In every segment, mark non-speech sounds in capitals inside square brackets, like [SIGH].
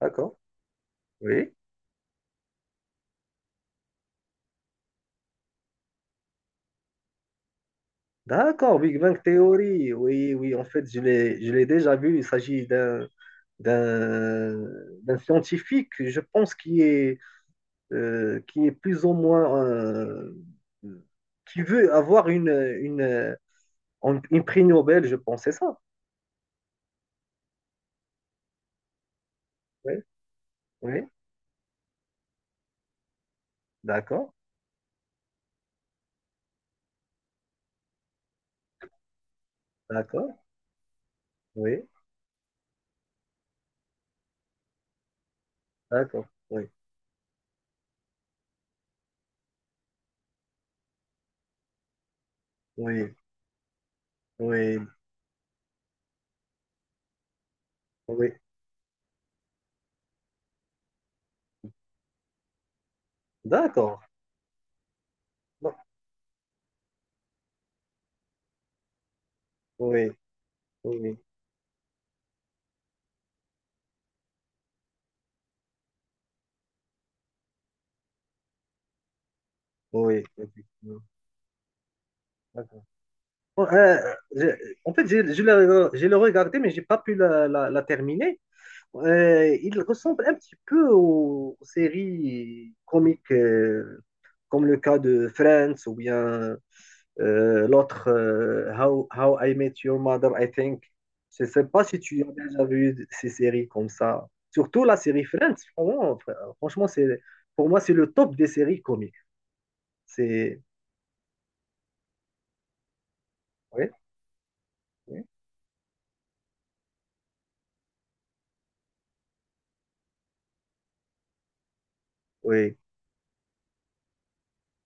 D'accord. Oui. D'accord, Big Bang Theory. Oui, oui, en fait, je l'ai déjà vu. Il s'agit d'un, d'un scientifique, je pense, qui est plus ou moins, qui veut avoir une, une prix Nobel, je pense, c'est ça. Oui, oui, d'accord, d'accord, oui, d'accord, oui, oui, oui, oui, d'accord, oui, oui, oui, oui. Bon, je- en fait, je l'ai regardé, mais j'ai pas pu la terminer. Il ressemble un petit peu aux séries comiques, comme le cas de Friends ou bien l'autre How I Met Your Mother, I think. Je sais pas si tu as déjà vu ces séries comme ça. Surtout la série Friends, vraiment, franchement, pour moi, c'est le top des séries comiques. C'est, oui, oui. Oui.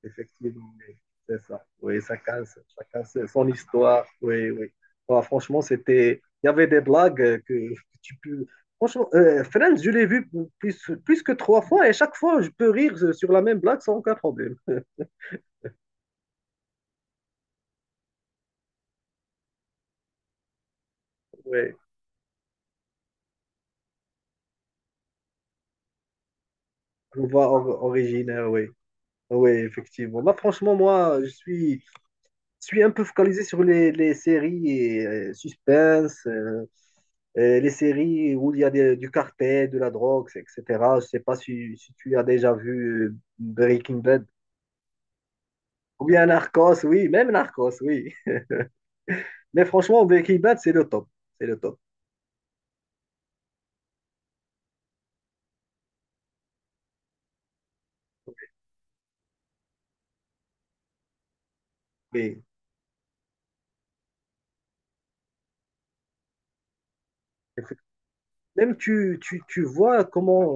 Effectivement, oui, c'est ça. Oui, chacun son histoire. Oui, oui. Bah, franchement, c'était. Il y avait des blagues que tu peux. Franchement, Friends, je l'ai vu plus, plus que trois fois et chaque fois, je peux rire sur la même blague sans aucun problème. Oui, on voit originaire, oui. Oui, effectivement. Bah, franchement, moi, je suis un peu focalisé sur les séries et suspense. Les séries où il y a du cartel, de la drogue, etc. Je sais pas si tu as déjà vu Breaking Bad. Ou bien Narcos, oui, même Narcos, oui. Mais franchement, Breaking Bad, c'est le top. C'est le top. Oui. Même tu vois comment.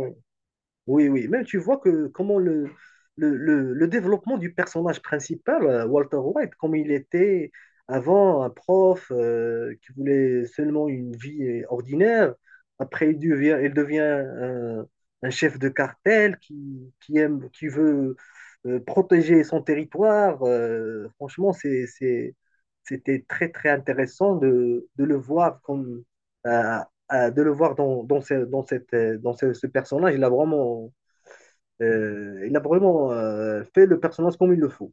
Oui, oui, même tu vois que comment le développement du personnage principal, Walter White, comme il était avant un prof qui voulait seulement une vie ordinaire, après il devient un chef de cartel qui aime, qui veut protéger son territoire. Franchement, c'était très, très intéressant de le voir comme, euh, de le voir ce personnage, il a vraiment fait le personnage comme il le faut.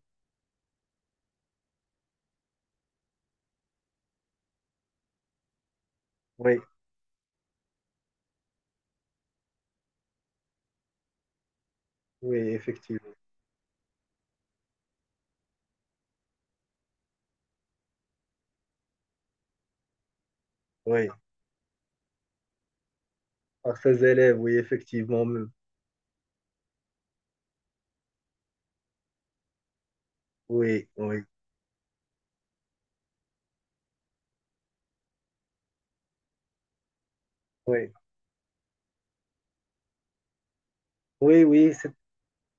Oui, oui, effectivement. Oui, par ses élèves, oui, effectivement. Oui, oui, oui. Oui, oui,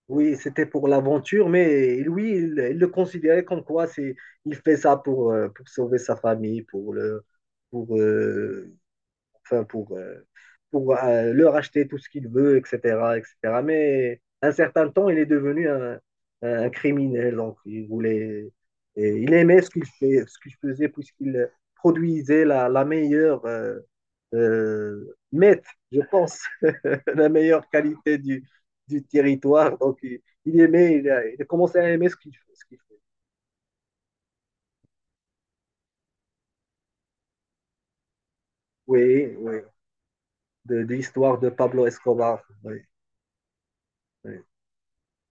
oui, c'était pour l'aventure, mais lui, il le considérait comme quoi il fait ça pour sauver sa famille, pour, euh, enfin pour, euh, pour leur acheter tout ce qu'il veut, etc., etc. Mais un certain temps, il est devenu un criminel. Donc, il voulait, et il aimait ce qu'il fait, ce qu'il faisait, puisqu'il produisait la meilleure meth, je pense, [LAUGHS] la meilleure qualité du territoire. Donc, il aimait, il a commencé à aimer ce qu'il fait. Oui, oui, de l'histoire de Pablo Escobar. Oui, oui.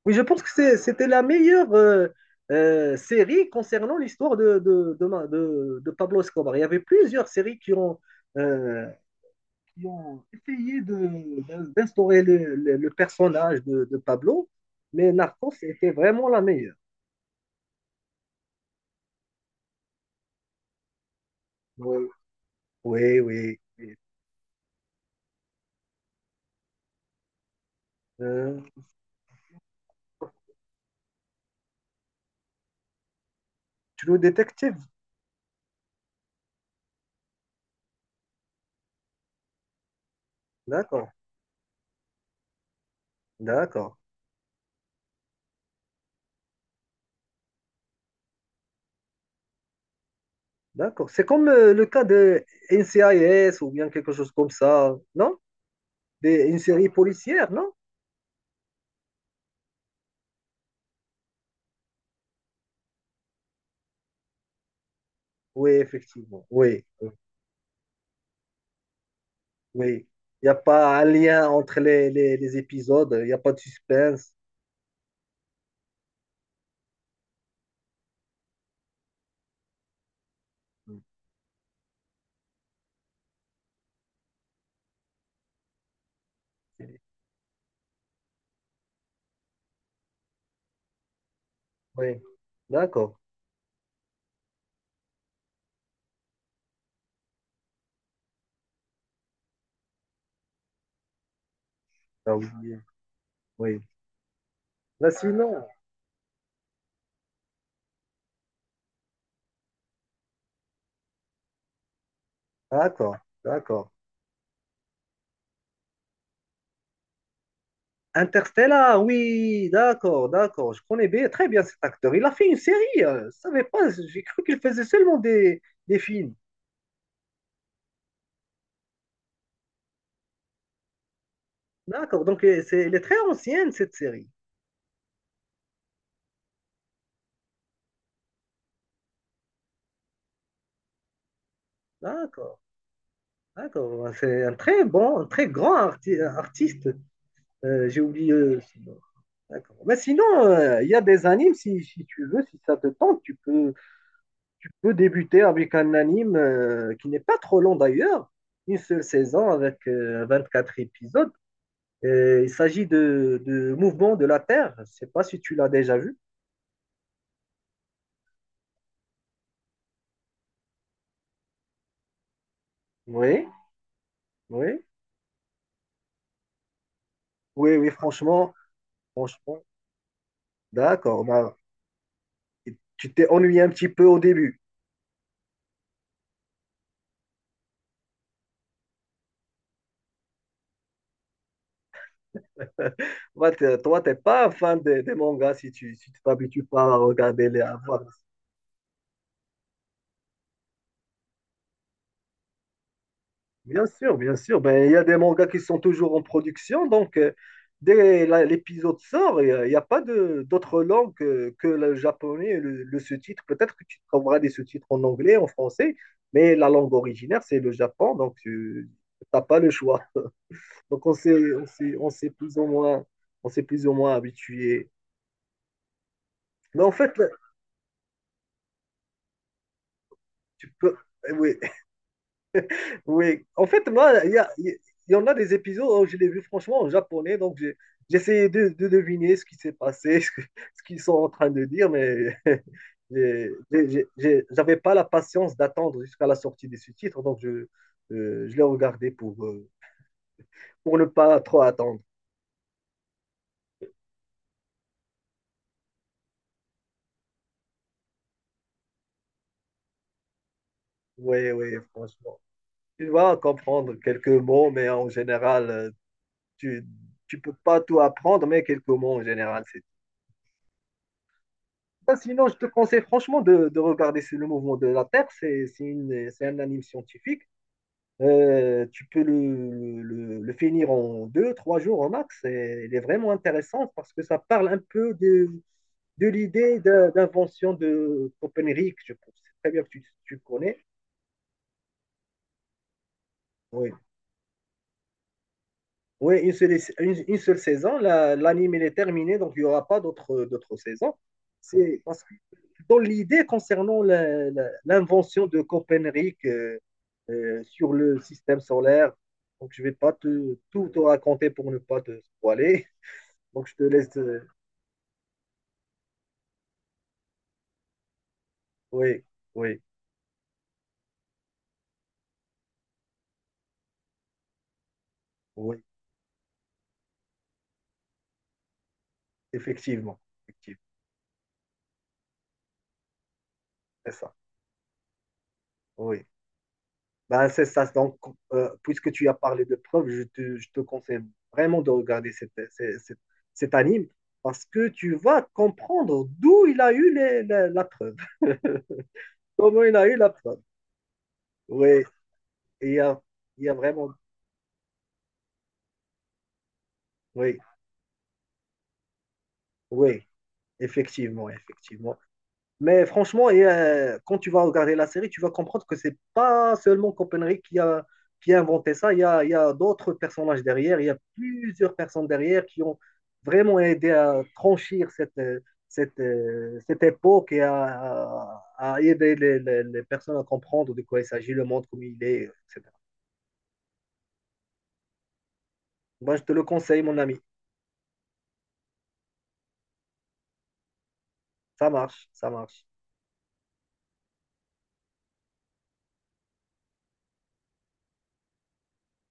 Oui, je pense que c'était la meilleure série concernant l'histoire de Pablo Escobar. Il y avait plusieurs séries euh, qui ont essayé d'instaurer le personnage de Pablo, mais Narcos était vraiment la meilleure. Oui, oui, oui. Oui. Euh, Tu le détective? D'accord, d'accord, d'accord. C'est comme le cas de NCIS ou bien quelque chose comme ça, non? Une série policière, non? Oui, effectivement, oui. Oui. Oui. Il n'y a pas un lien entre les épisodes, il n'y a pas de suspense. Oui. D'accord. Ah oui. Oui. Là, sinon. D'accord. D'accord. Interstellar, oui, d'accord, d'accord. Je connais bien, très bien cet acteur. Il a fait une série. Je ne savais pas. J'ai cru qu'il faisait seulement des, films. D'accord. Donc, elle est très ancienne, cette série. D'accord. D'accord. C'est un très bon, un très grand artiste. J'ai oublié. D'accord. Mais sinon, il y a des animes, si tu veux, si ça te tente, tu peux débuter avec un anime qui n'est pas trop long d'ailleurs, une seule saison avec 24 épisodes. Et il s'agit de Mouvement de la Terre. Je ne sais pas si tu l'as déjà vu. Oui, oui, oui, oui, franchement, franchement. D'accord. Bah, tu t'es ennuyé un petit peu au début. [LAUGHS] Toi, t'es toi, pas un fan des mangas si tu t'habitues pas à regarder les à voir. Bien sûr, bien sûr. Ben, il y a des mangas qui sont toujours en production, donc dès l'épisode sort, il n'y a, il y a pas de d'autre langue que le japonais, et le sous-titre. Peut-être que tu trouveras des sous-titres en anglais, en français, mais la langue originaire, c'est le Japon, donc tu n'as pas le choix. Donc on s'est plus ou moins habitué. Mais en fait, là, tu peux, eh oui, oui, en fait, moi, il y en a des épisodes où je l'ai vu franchement en japonais, donc j'essayais de deviner ce qui s'est passé, [LAUGHS] ce qu'ils sont en train de dire, mais [LAUGHS] j'avais pas la patience d'attendre jusqu'à la sortie des sous-titres, donc je l'ai regardé pour ne pas trop attendre. Oui, oui, franchement. Tu vas comprendre quelques mots, mais en général, tu, tu peux pas tout apprendre, mais quelques mots en général. Ben, sinon, je te conseille franchement de regarder c'est le mouvement de la Terre. C'est un anime scientifique. Tu peux le, le finir en deux, trois jours au max. Et il est vraiment intéressant parce que ça parle un peu de l'idée d'invention de Copernic, je pense. C'est très bien que tu connais. Oui, oui une seule saison. L'anime, il est terminé, donc il n'y aura pas d'autres saisons. C'est parce que dans l'idée concernant l'invention de Copernic sur le système solaire. Donc, je ne vais pas te, tout te raconter pour ne pas te spoiler. Donc, je te laisse. Oui, oui, oui, effectivement. Effectivement, c'est ça. Oui. Ben, c'est ça. Donc, puisque tu as parlé de preuves, je te conseille vraiment de regarder cet anime parce que tu vas comprendre d'où il a eu la preuve. [LAUGHS] Comment il a eu la preuve. Oui. Il y a, il y a vraiment. Oui, oui, effectivement, effectivement. Mais franchement, et, quand tu vas regarder la série, tu vas comprendre que c'est pas seulement Copenhague qui a inventé ça. Il y a d'autres personnages derrière. Il y a plusieurs personnes derrière qui ont vraiment aidé à franchir cette époque et à aider les personnes à comprendre de quoi il s'agit, le monde comme il est, etc. Moi, je te le conseille, mon ami. Ça marche, ça marche.